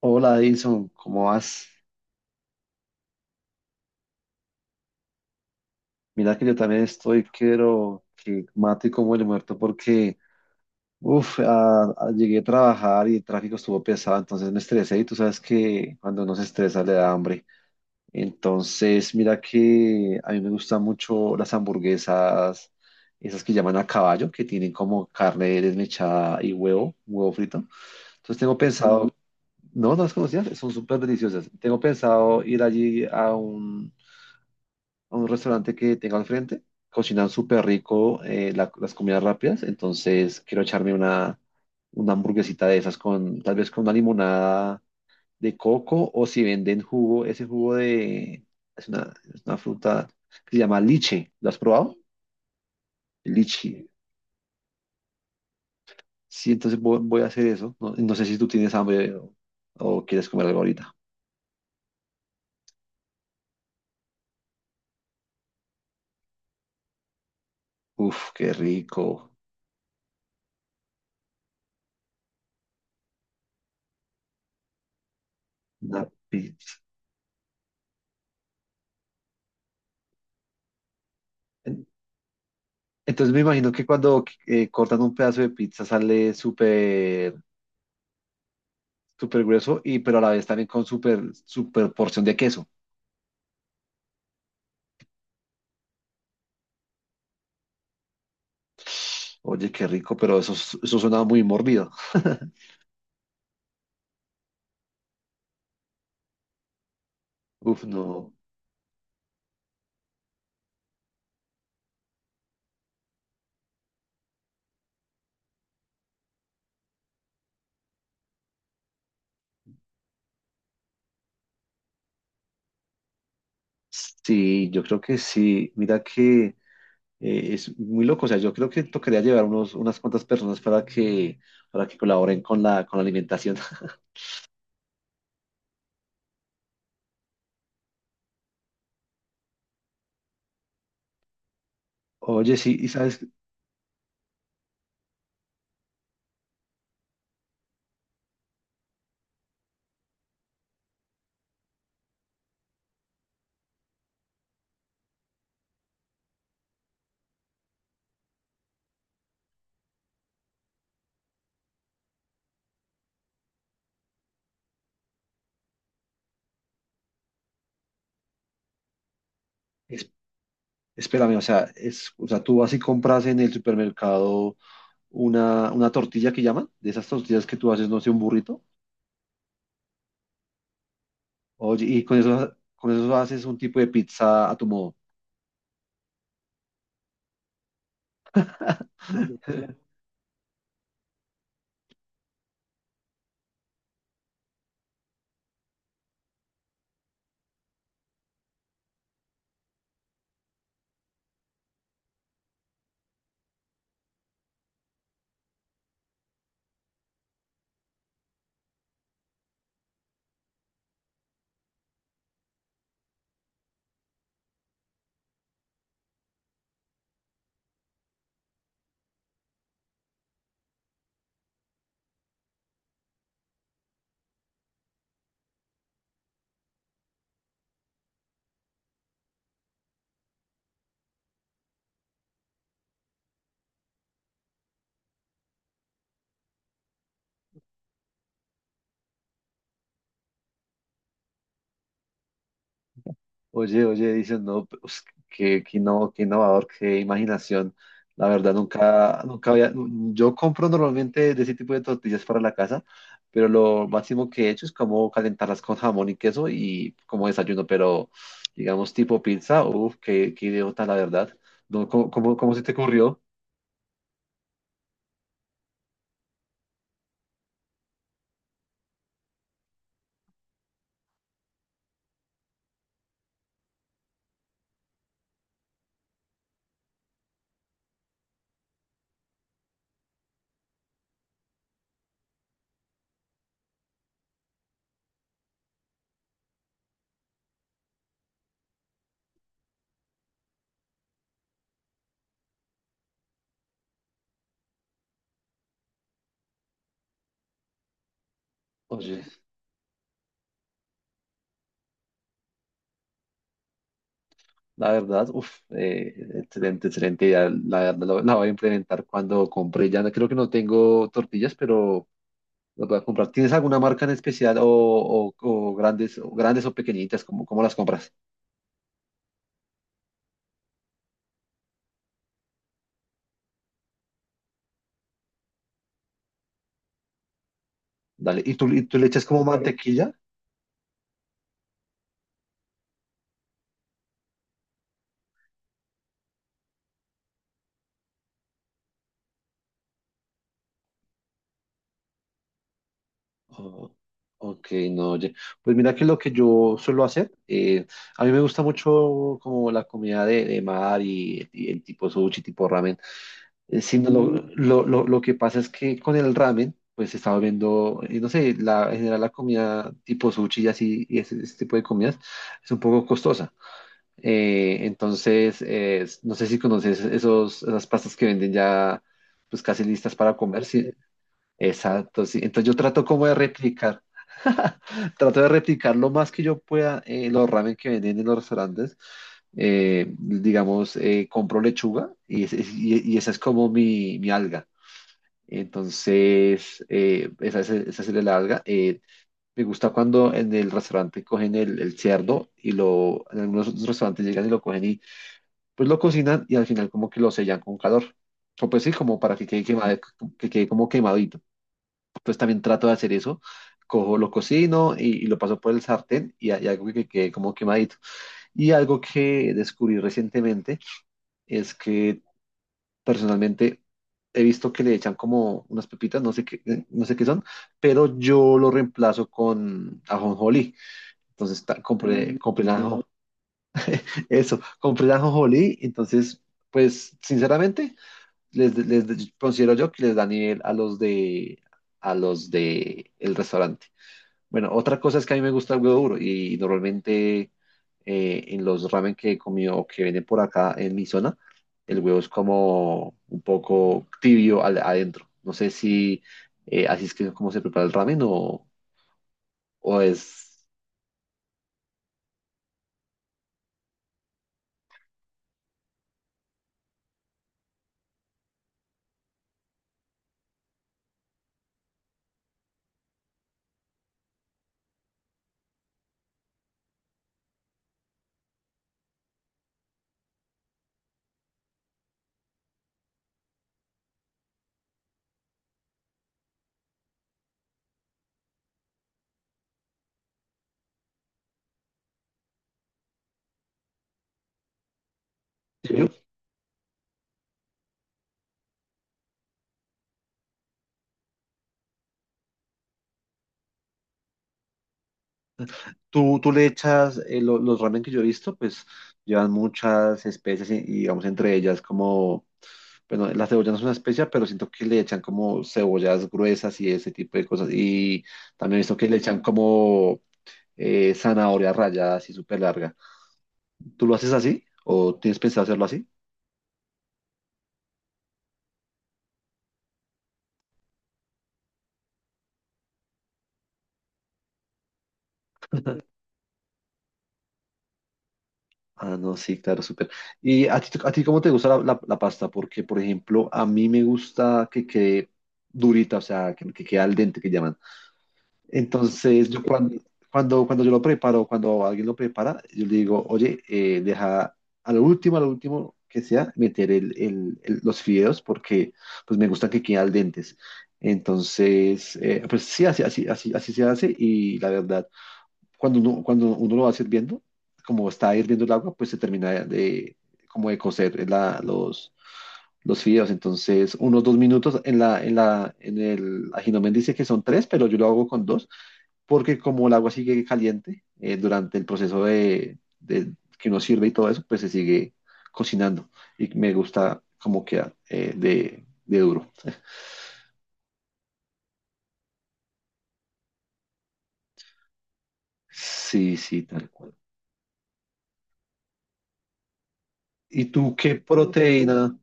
Hola Edison, ¿cómo vas? Mira que yo también estoy, quiero que mate como el muerto porque, uff, llegué a trabajar y el tráfico estuvo pesado, entonces me estresé y tú sabes que cuando uno se estresa le da hambre. Entonces, mira que a mí me gustan mucho las hamburguesas, esas que llaman a caballo, que tienen como carne desmechada y huevo, huevo frito. Entonces tengo pensado, no, no las conocías, son súper deliciosas. Tengo pensado ir allí a un restaurante que tenga al frente. Cocinan súper rico, las comidas rápidas, entonces quiero echarme una hamburguesita de esas con tal vez con una limonada de coco o si venden jugo, ese jugo de es una fruta que se llama liche. ¿Lo has probado? Lichi. Sí, entonces voy a hacer eso. No, no sé si tú tienes hambre o quieres comer algo ahorita. Uf, qué rico. Una pizza. Entonces me imagino que cuando cortan un pedazo de pizza sale súper grueso, y pero a la vez también con súper porción de queso. Oye, qué rico, pero eso suena muy morbido. Uf, no. Sí, yo creo que sí. Mira que es muy loco. O sea, yo creo que tocaría llevar unas cuantas personas para para que colaboren con con la alimentación. Oye, sí, y sabes, es- espérame, o sea, tú vas y compras en el supermercado. Una una, tortilla que llaman, de esas tortillas que tú haces, no sé, un burrito. Oye, y con eso haces un tipo de pizza a tu modo. Oye, oye, dicen, no, pues, qué innovador, qué imaginación. La verdad, nunca, nunca había, yo compro normalmente de ese tipo de tortillas para la casa, pero lo máximo que he hecho es como calentarlas con jamón y queso y como desayuno, pero digamos tipo pizza, uff, qué idiota, la verdad. No, cómo se te ocurrió? Oye. La verdad, uff, excelente idea. La verdad, la voy a implementar cuando compre. Ya creo que no tengo tortillas, pero las voy a comprar. ¿Tienes alguna marca en especial, o grandes, o grandes o pequeñitas? ¿Cómo, cómo las compras? Dale. ¿Y y tú le echas como mantequilla? Oh, ok, no, oye. Pues mira que lo que yo suelo hacer, a mí me gusta mucho como la comida de mar y el tipo sushi, tipo ramen. Sino lo que pasa es que con el ramen, pues estaba viendo, no sé, la, en general la comida tipo sushi y así, y ese tipo de comidas, es un poco costosa. Entonces no sé si conoces esas pastas que venden ya, pues casi listas para comer. Sí, exacto, sí. Entonces yo trato como de replicar, trato de replicar lo más que yo pueda, los ramen que venden en los restaurantes. Digamos, compro lechuga y, y esa es como mi alga. Entonces, esa serie larga. Me gusta cuando en el restaurante cogen el cerdo y lo, en algunos otros restaurantes llegan y lo cogen y pues lo cocinan y al final como que lo sellan con calor. O pues sí, como para que quede quemado, que quede como quemadito. Pues también trato de hacer eso. Cojo, lo cocino y lo paso por el sartén y algo que quede como quemadito. Y algo que descubrí recientemente es que personalmente he visto que le echan como unas pepitas, no sé qué, no sé qué son, pero yo lo reemplazo con ajonjolí. Entonces compré, mm, compré la No. ajo- eso, compré la ajonjolí, entonces pues sinceramente les considero yo que les da nivel a los de el restaurante. Bueno, otra cosa es que a mí me gusta el huevo duro y normalmente, en los ramen que he comido o que venden por acá en mi zona, el huevo es como un poco tibio adentro. No sé si así es que como se prepara el ramen, o es tibio. Tú le echas, los ramen que yo he visto, pues llevan muchas especies y, digamos entre ellas como, bueno, la cebolla no es una especia, pero siento que le echan como cebollas gruesas y ese tipo de cosas. Y también he visto que le echan como zanahoria rallada así súper larga. ¿Tú lo haces así o tienes pensado hacerlo así? Ah, no, sí, claro, súper. ¿Y a ti cómo te gusta la pasta? Porque, por ejemplo, a mí me gusta que quede durita, o sea, que quede al dente, que llaman. Entonces, yo cuando yo lo preparo, cuando alguien lo prepara, yo le digo, oye, deja a lo último que sea, meter los fideos porque pues me gustan que queden al dentes. Entonces, pues sí, así se hace, y la verdad, cuando cuando uno lo va sirviendo, como está hirviendo el agua, pues se termina de, como de cocer los fideos. Entonces, unos dos minutos en en el ajinomen dice que son tres, pero yo lo hago con dos, porque como el agua sigue caliente, durante el proceso de que uno sirve y todo eso, pues se sigue cocinando y me gusta cómo queda, de duro. Sí, sí, tal cual. ¿Y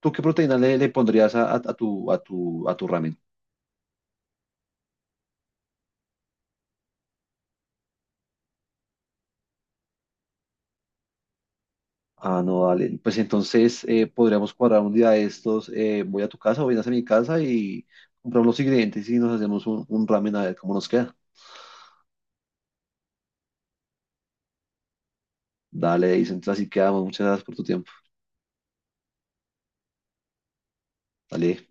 tú qué proteína le pondrías a a tu ramen? Ah, no, dale. Pues entonces, podríamos cuadrar un día de estos. Voy a tu casa o vienes a mi casa y compramos los ingredientes y nos hacemos un ramen a ver cómo nos queda. Dale, dice. Entonces así quedamos. Muchas gracias por tu tiempo. Dale.